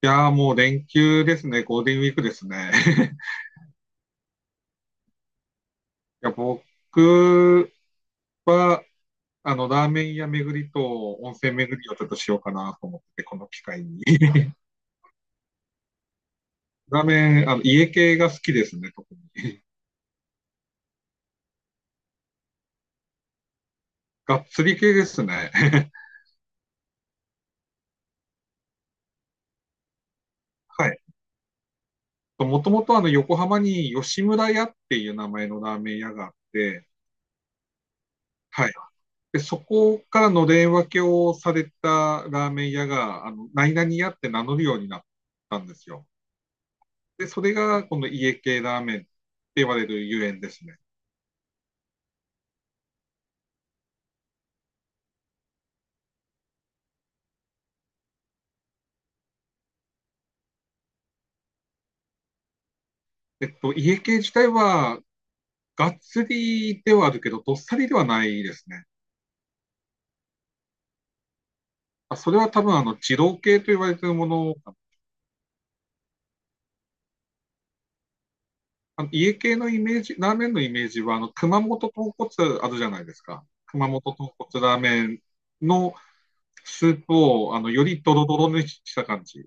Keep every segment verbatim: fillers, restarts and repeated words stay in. いやー、もう連休ですね。ゴールデンウィークですね。いや、僕は、あの、ラーメン屋巡りと温泉巡りをちょっとしようかなと思って、この機会に。ラーメン、あの、家系が好きですね、特に。がっつり系ですね。はい。もともとあの、横浜に吉村屋っていう名前のラーメン屋があって、はい。で、そこからのれん分けをされたラーメン屋が、あの、何々屋って名乗るようになったんですよ。で、それがこの家系ラーメンって言われるゆえんですね。えっと、家系自体は、がっつりではあるけど、どっさりではないですね。あ、それは多分、あの、二郎系と言われているもの。あの家系のイメージ、ラーメンのイメージは、あの、熊本豚骨あるじゃないですか。熊本豚骨ラーメンのスープを、あの、よりドロドロにした感じ。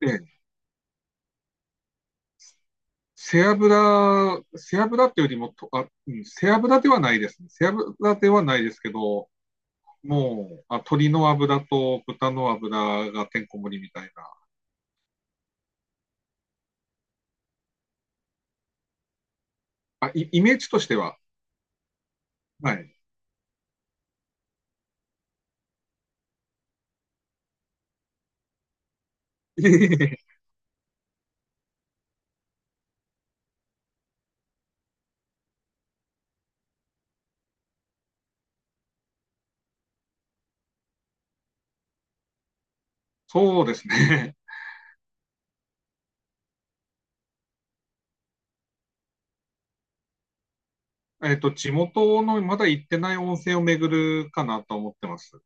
で、背脂、背脂っていうよりもと、あ、うん、背脂ではないですね。背脂ではないですけど、もう、あ、鶏の油と豚の油がてんこ盛りみたいな。あ、イ、イメージとしては。はい。そうですね。えっと、地元のまだ行ってない温泉を巡るかなと思ってます。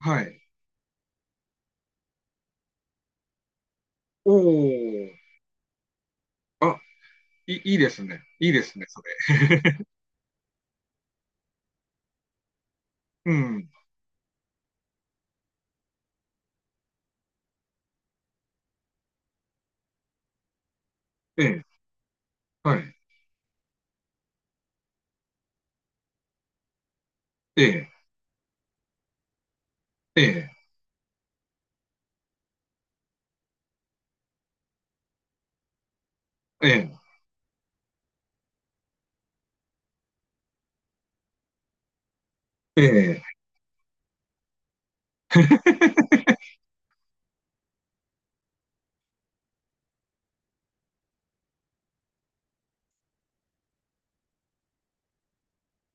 はい。おお。あ、い、いいですね。いいですね、それ。うん。ええ。はい。ええ。ええ。ええ。ええ。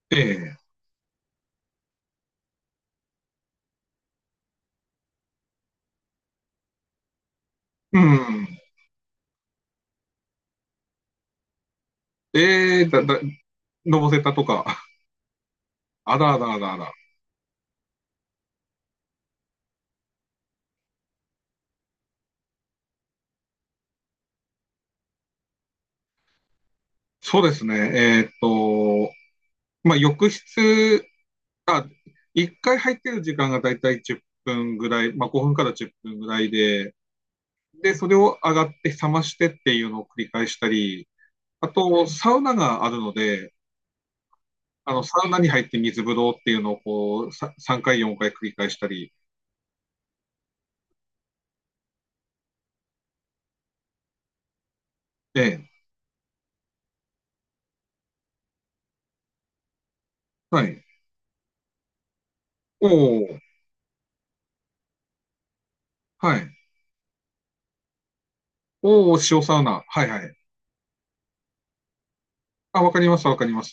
ええ。うん。ええ、だ、だ、のぼせたとか。あらあらあらあら。そうですね。えっと、まあ、浴室、あ、一回入ってる時間がだいたいじゅっぷんぐらい、まあ、ごふんからじゅっぷんぐらいで、で、それを上がって冷ましてっていうのを繰り返したり、あと、サウナがあるので、あの、サウナに入って水風呂っていうのをこう、ささんかい、よんかい繰り返したり、ええ、はい。おお、はい。おお、塩サウナ。はいはい。あ、わかります、わかります。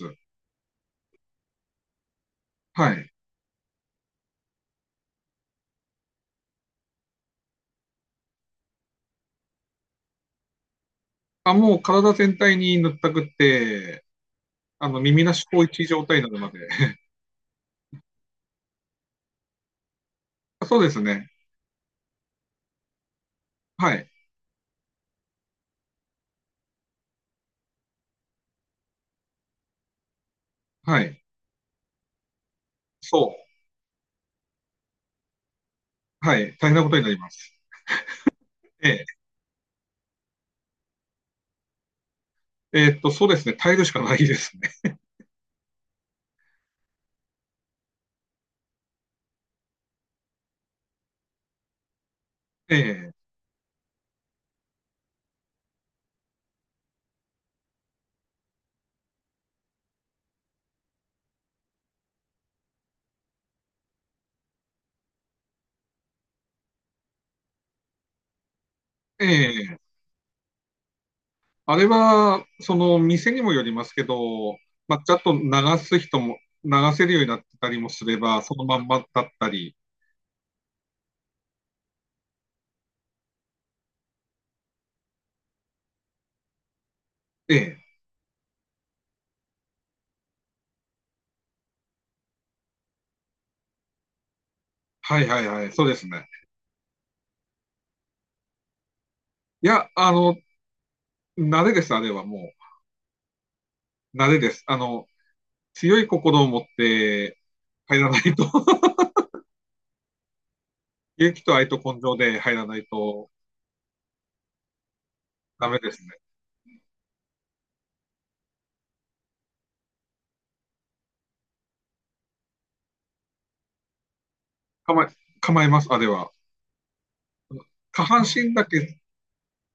はい。あ、もう体全体に塗ったくって、あの、耳なし高一状態になるまで。そうですね。はい。はい。そう。はい。大変なことになります。ええ。えーっと、そうですね。耐えるしかないですね。ええ。ええ。あれは、その、店にもよりますけど、まあ、ちゃんと流す人も、流せるようになってたりもすれば、そのまんまだったり。ええ。はいはいはい。そうですね。いや、あの、慣れです、あれはもう。慣れです。あの、強い心を持って入らないと。 勇気と愛と根性で入らないとダメですね。構え、構えます、あれは。下半身だけ、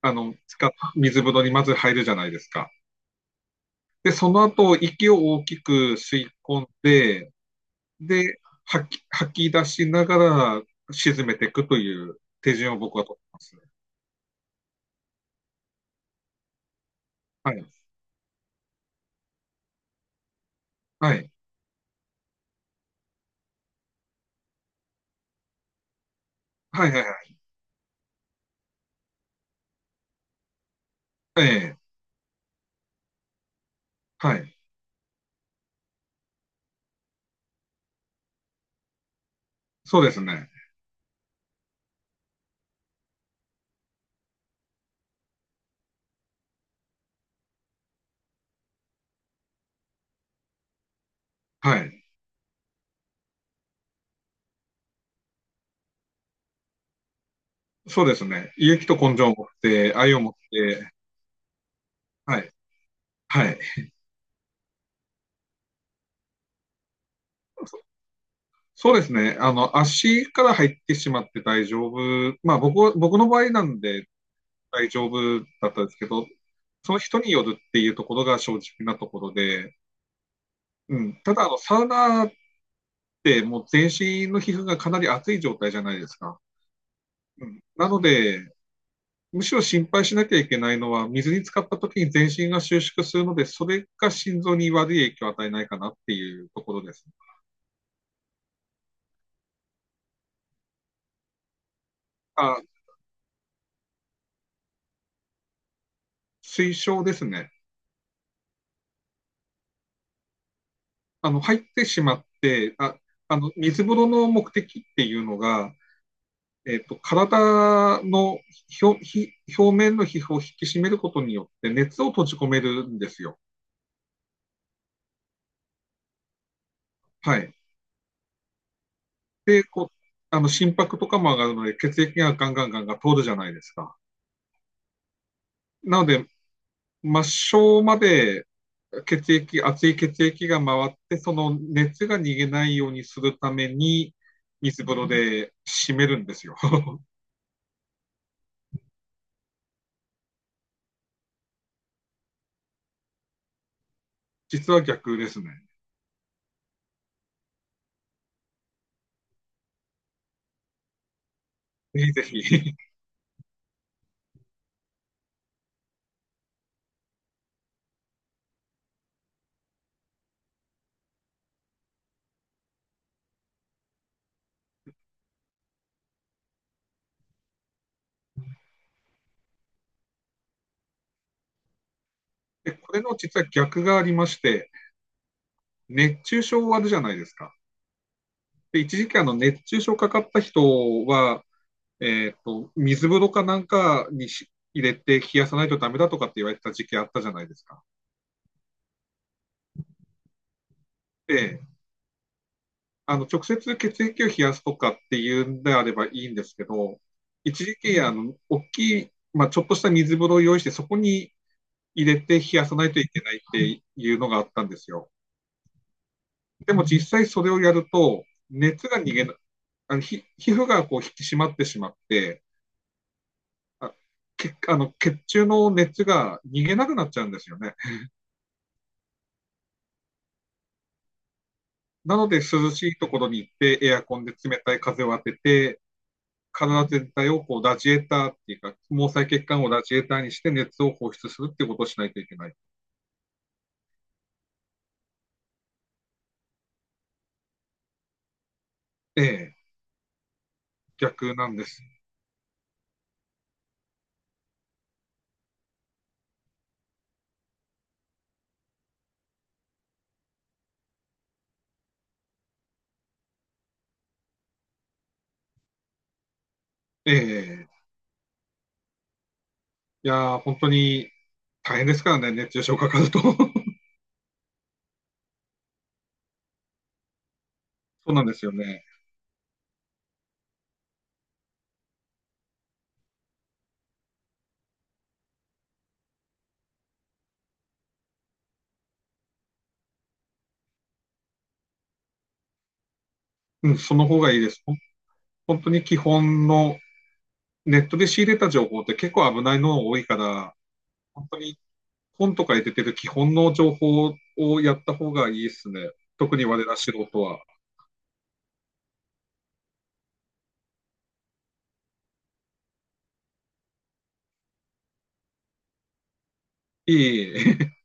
あの、使っ水風呂にまず入るじゃないですか。で、その後、息を大きく吸い込んで、で、吐き、吐き出しながら沈めていくという手順を僕は取ってますね。はい。はい。はいはいはい。ええ。はい。そうですね。はい。そうですね。勇気と根性を持って、愛を持って、はい。はい。そそうですね。あの、足から入ってしまって大丈夫。まあ、僕は、僕の場合なんで、大丈夫だったんですけど、その人によるっていうところが正直なところで、うん、ただあの、サウナってもう全身の皮膚がかなり熱い状態じゃないですか。うん、なので、むしろ心配しなきゃいけないのは、水に浸かった時に全身が収縮するので、それが心臓に悪い影響を与えないかなっていうところです。あ、推奨ですね。あの、入ってしまって、あ、あの、水風呂の目的っていうのが、えっと、体の表表面の皮膚を引き締めることによって熱を閉じ込めるんですよ。はい。で、こう、あの心拍とかも上がるので血液がガンガンガンガン通るじゃないですか。なので、末梢まで血液、熱い血液が回って、その熱が逃げないようにするために水風呂で締めるんですよ。実は逆ですね。ぜひぜひ。で、これの実は逆がありまして、熱中症あるじゃないですか。で、一時期あの熱中症かかった人は、えーと、水風呂かなんかにし入れて冷やさないとダメだとかって言われた時期あったじゃないですか。で、あの、直接血液を冷やすとかっていうんであればいいんですけど、一時期、あの、大きい、まあ、ちょっとした水風呂を用意して、そこに入れて冷やさないといけないっていうのがあったんですよ。でも実際それをやると、熱が逃げな、あの皮皮膚がこう引き締まってしまって、あ血あの血中の熱が逃げなくなっちゃうんですよね。なので涼しいところに行ってエアコンで冷たい風を当てて、体全体をこうラジエーターっていうか、毛細血管をラジエーターにして熱を放出するっていうことをしないといけない。ええ、逆なんです。ええ、いやー、本当に大変ですからね、熱中症かかると。そうなんですよね。うん、その方がいいです。ほん本当に基本のネットで仕入れた情報って結構危ないの多いから、本当に本とかに出てる基本の情報をやった方がいいですね。特に我ら素人は。いい。